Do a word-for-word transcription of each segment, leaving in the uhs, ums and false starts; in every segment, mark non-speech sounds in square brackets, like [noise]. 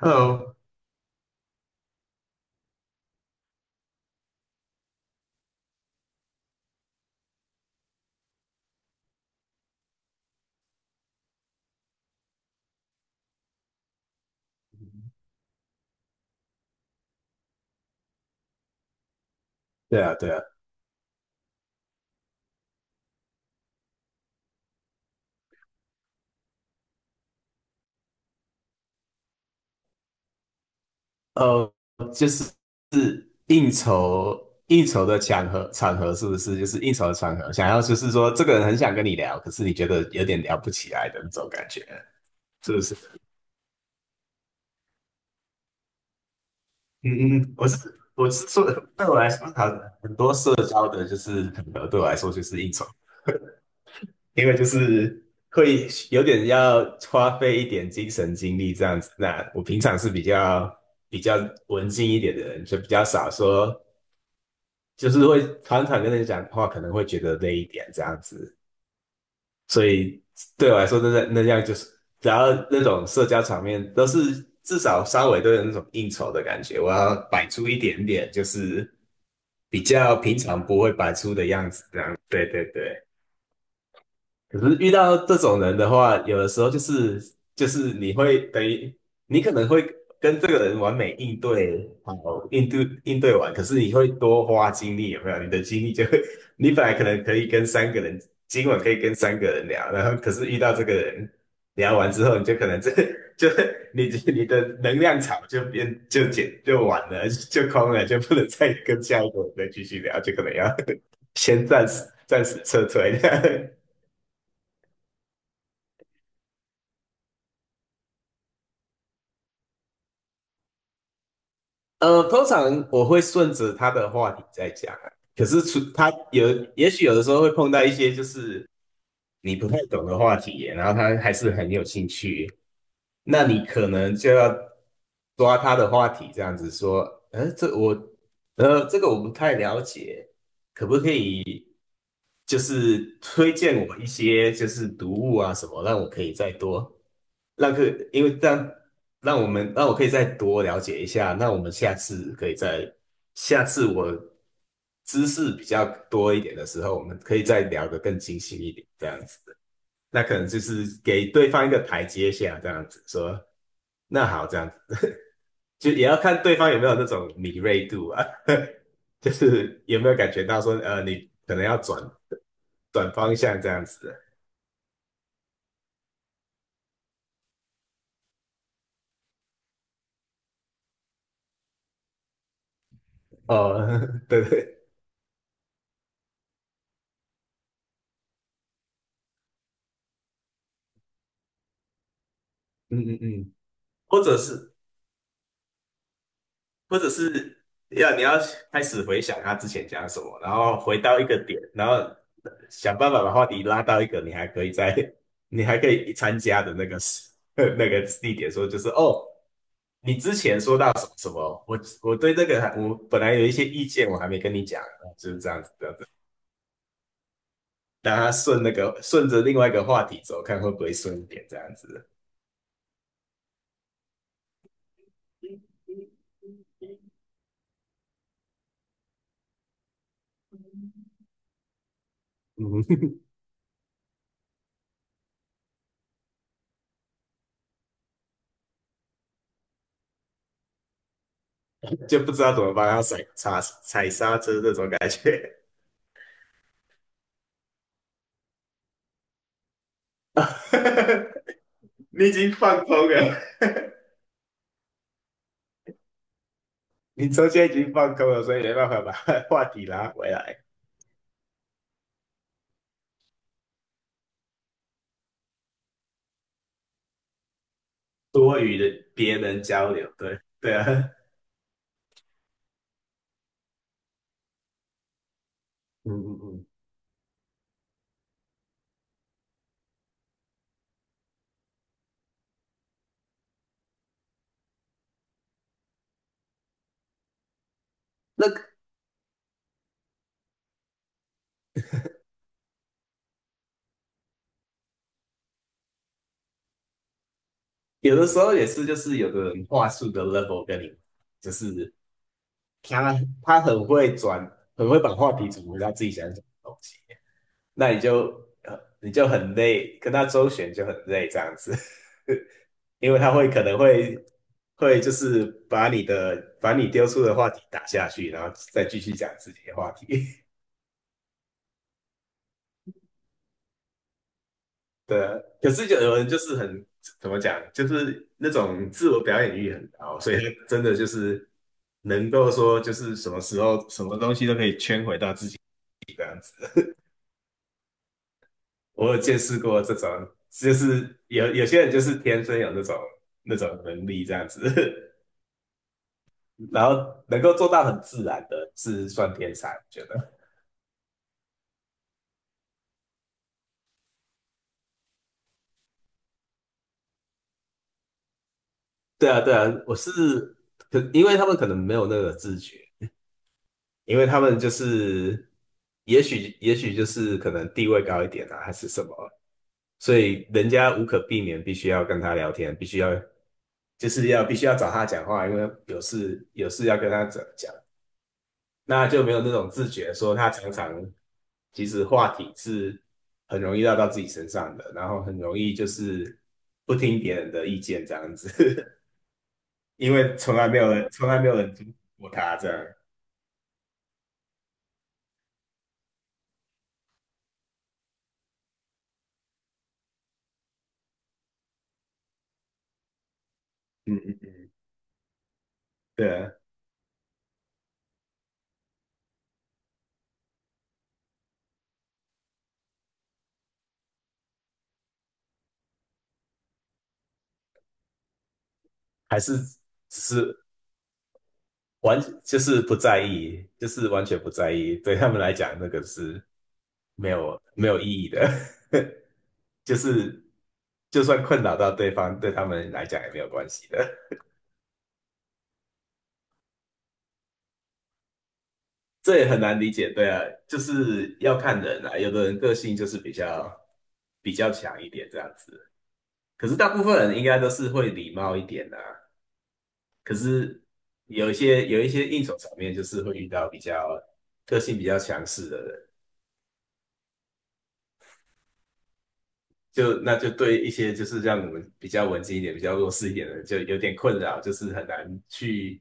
Hello。对啊，对啊，呃，就是是应酬应酬的场合场合是不是，就是应酬的场合，想要就是说这个人很想跟你聊，可是你觉得有点聊不起来的那种感觉，是不是？嗯嗯，嗯我是我是说，对我来说，好很多社交的就是场合对我来说就是应酬，因为就是会有点要花费一点精神精力这样子。那我平常是比较比较文静一点的人，就比较少说就是会常常跟人讲话，可能会觉得累一点这样子。所以对我来说，那那样就是，然后那种社交场面都是至少稍微都有那种应酬的感觉，我要摆出一点点，就是比较平常不会摆出的样子，这样。对对对。可是遇到这种人的话，有的时候就是就是你会等于你可能会跟这个人完美应对，好应对应对完，可是你会多花精力，有没有？你的精力就会，[laughs] 你本来可能可以跟三个人，今晚可以跟三个人聊，然后可是遇到这个人聊完之后，你就可能这 [laughs] 就你你的能量场就变就减就完了，就空了，就不能再跟下一个人再继续聊，就可能要 [laughs] 先暂时暂时撤退。[laughs] 呃，通常我会顺着他的话题在讲啊，可是除他有，也许有的时候会碰到一些就是你不太懂的话题耶，然后他还是很有兴趣，那你可能就要抓他的话题，这样子说，呃，这我，呃，这个我不太了解，就是推荐我一些就是读物啊什么，让我可以再多让可，因为这样让我们让我可以再多了解一下，那我们下次可以再下次我知识比较多一点的时候，我们可以再聊得更精细一点，这样子，那可能就是给对方一个台阶下，这样子说，那好，这样子 [laughs] 就也要看对方有没有那种敏锐度啊。[laughs] 就是有没有感觉到说，呃，你可能要转转方向这样子的。哦，[laughs] 对对，嗯嗯嗯，或者是或者是要你要开始回想他之前讲什么，然后回到一个点，然后想办法把话题拉到一个你还可以在 [laughs] 你还可以参加的那个时 [laughs] 那个地点说，就是哦，你之前说到什么什么，我我对这个还我本来有一些意见，我还没跟你讲，就是这样子这样子，让他顺那个顺着另外一个话题走，看会不会顺一点这样子。嗯就不知道怎么帮他踩刹踩刹车这种感觉。[laughs] 你已经放空了，[laughs] 你中间已经放空了，所以没办法把话题拉回来，多余的别人交流，对对啊，嗯嗯嗯，那有的时候也是，就是有的人话术的 level 跟你，就是他他很会转，很会把话题转回到自己想讲的东西，那你就呃你就很累，跟他周旋就很累这样子，[laughs] 因为他会可能会会就是把你的把你丢出的话题打下去，然后再继续讲自己的话题。[laughs] 对啊，可是就有人就是很怎么讲，就是那种自我表演欲很高，所以他真的就是能够说就是什么时候什么东西都可以圈回到自己。我有见识过这种，就是有有些人就是天生有那种那种能力这样子，[laughs] 然后能够做到很自然的，是算天才，我觉得。对啊，对啊，我是可，因为他们可能没有那个自觉，因为他们就是，也许也许就是可能地位高一点啊，还是什么，所以人家无可避免必须要跟他聊天，必须要就是要必须要找他讲话，因为有事有事要跟他讲那就没有那种自觉，说他常常其实话题是很容易绕到自己身上的，然后很容易就是不听别人的意见这样子，[laughs] 因为从来没有人从来没有人听过他这样，嗯嗯嗯，对，还是只是完就是不在意，就是完全不在意，对他们来讲那个是没有没有意义的，[laughs] 就是就算困扰到对方，对他们来讲也没有关系的。这也很难理解，对啊，就是要看人啊，有的人个性就是比较比较强一点这样子，可是大部分人应该都是会礼貌一点的啊，有一些有一些应酬场面就是会遇到比较个性比较强势的人，就那就对一些就是让我们比较文静一点、比较弱势一点的人就有点困扰，就是很难去，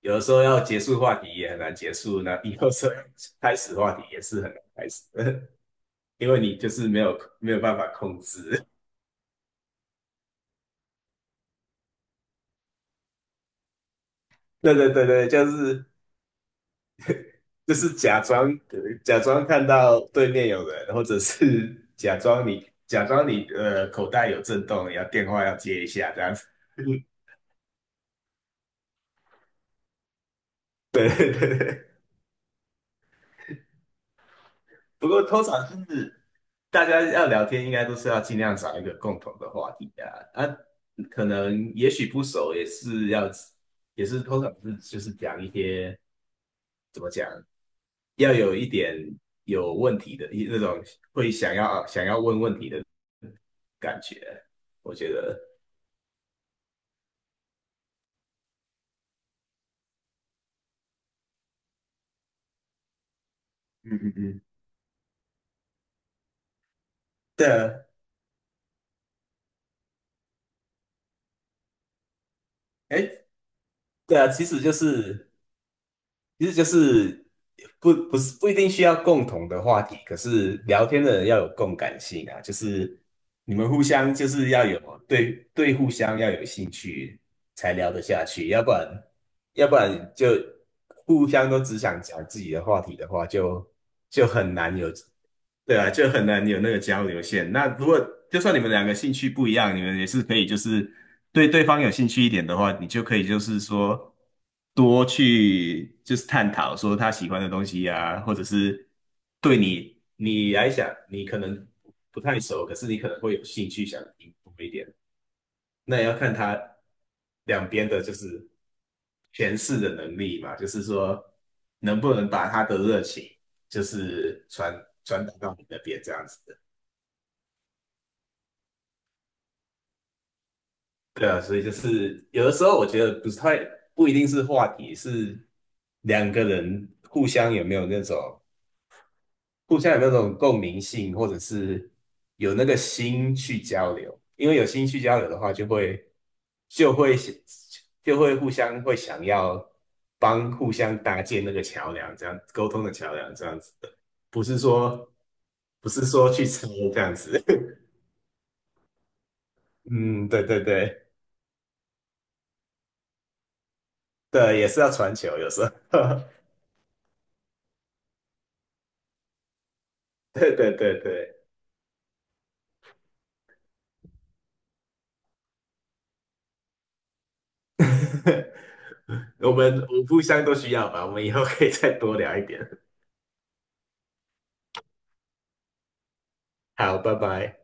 有的时候要结束话题也很难结束，那有的时候开始话题也是很难开始，[laughs] 因为你就是没有没有办法控制。[laughs] 对对对对，就是就是假装呃假装看到对面有人，或者是假装你假装你呃口袋有震动，要电话要接一下这样子。[laughs] 对对对对，不过通常是大家要聊天，应该都是要尽量找一个共同的话题啊。啊，可能也许不熟，也是要也是通常是就是讲一些怎么讲，要有一点有问题的一那种会想要想要问问题的感觉，我觉得，嗯嗯嗯，对啊，哎，对啊，其实就是，其实就是不不是不一定需要共同的话题，可是聊天的人要有共感性啊，就是你们互相就是要有对对互相要有兴趣才聊得下去，要不然要不然就互相都只想讲自己的话题的话，就就很难有对啊，就很难有那个交流线。那如果就算你们两个兴趣不一样，你们也是可以，就是对对方有兴趣一点的话，你就可以就是说多去就是探讨说他喜欢的东西啊，或者是对你你来讲，你可能不太熟，可是你可能会有兴趣想听多一点。那也要看他两边的就是诠释的能力嘛，就是说能不能把他的热情就是传传达到你那边这样子的。对啊，所以就是有的时候我觉得不太不一定是话题，是两个人互相有没有那种。互相有那种共鸣性，或者是有那个心去交流。因为有心去交流的话，就会就会就会互相会想要帮互相搭建那个桥梁，这样沟通的桥梁，这样子的，不是说不是说去抄这样子。[laughs] 嗯，对对对对，也是要传球，有时候，[laughs] 对对对对。[laughs] 我们我们互相都需要吧，我们以后可以再多聊一点。好，拜拜。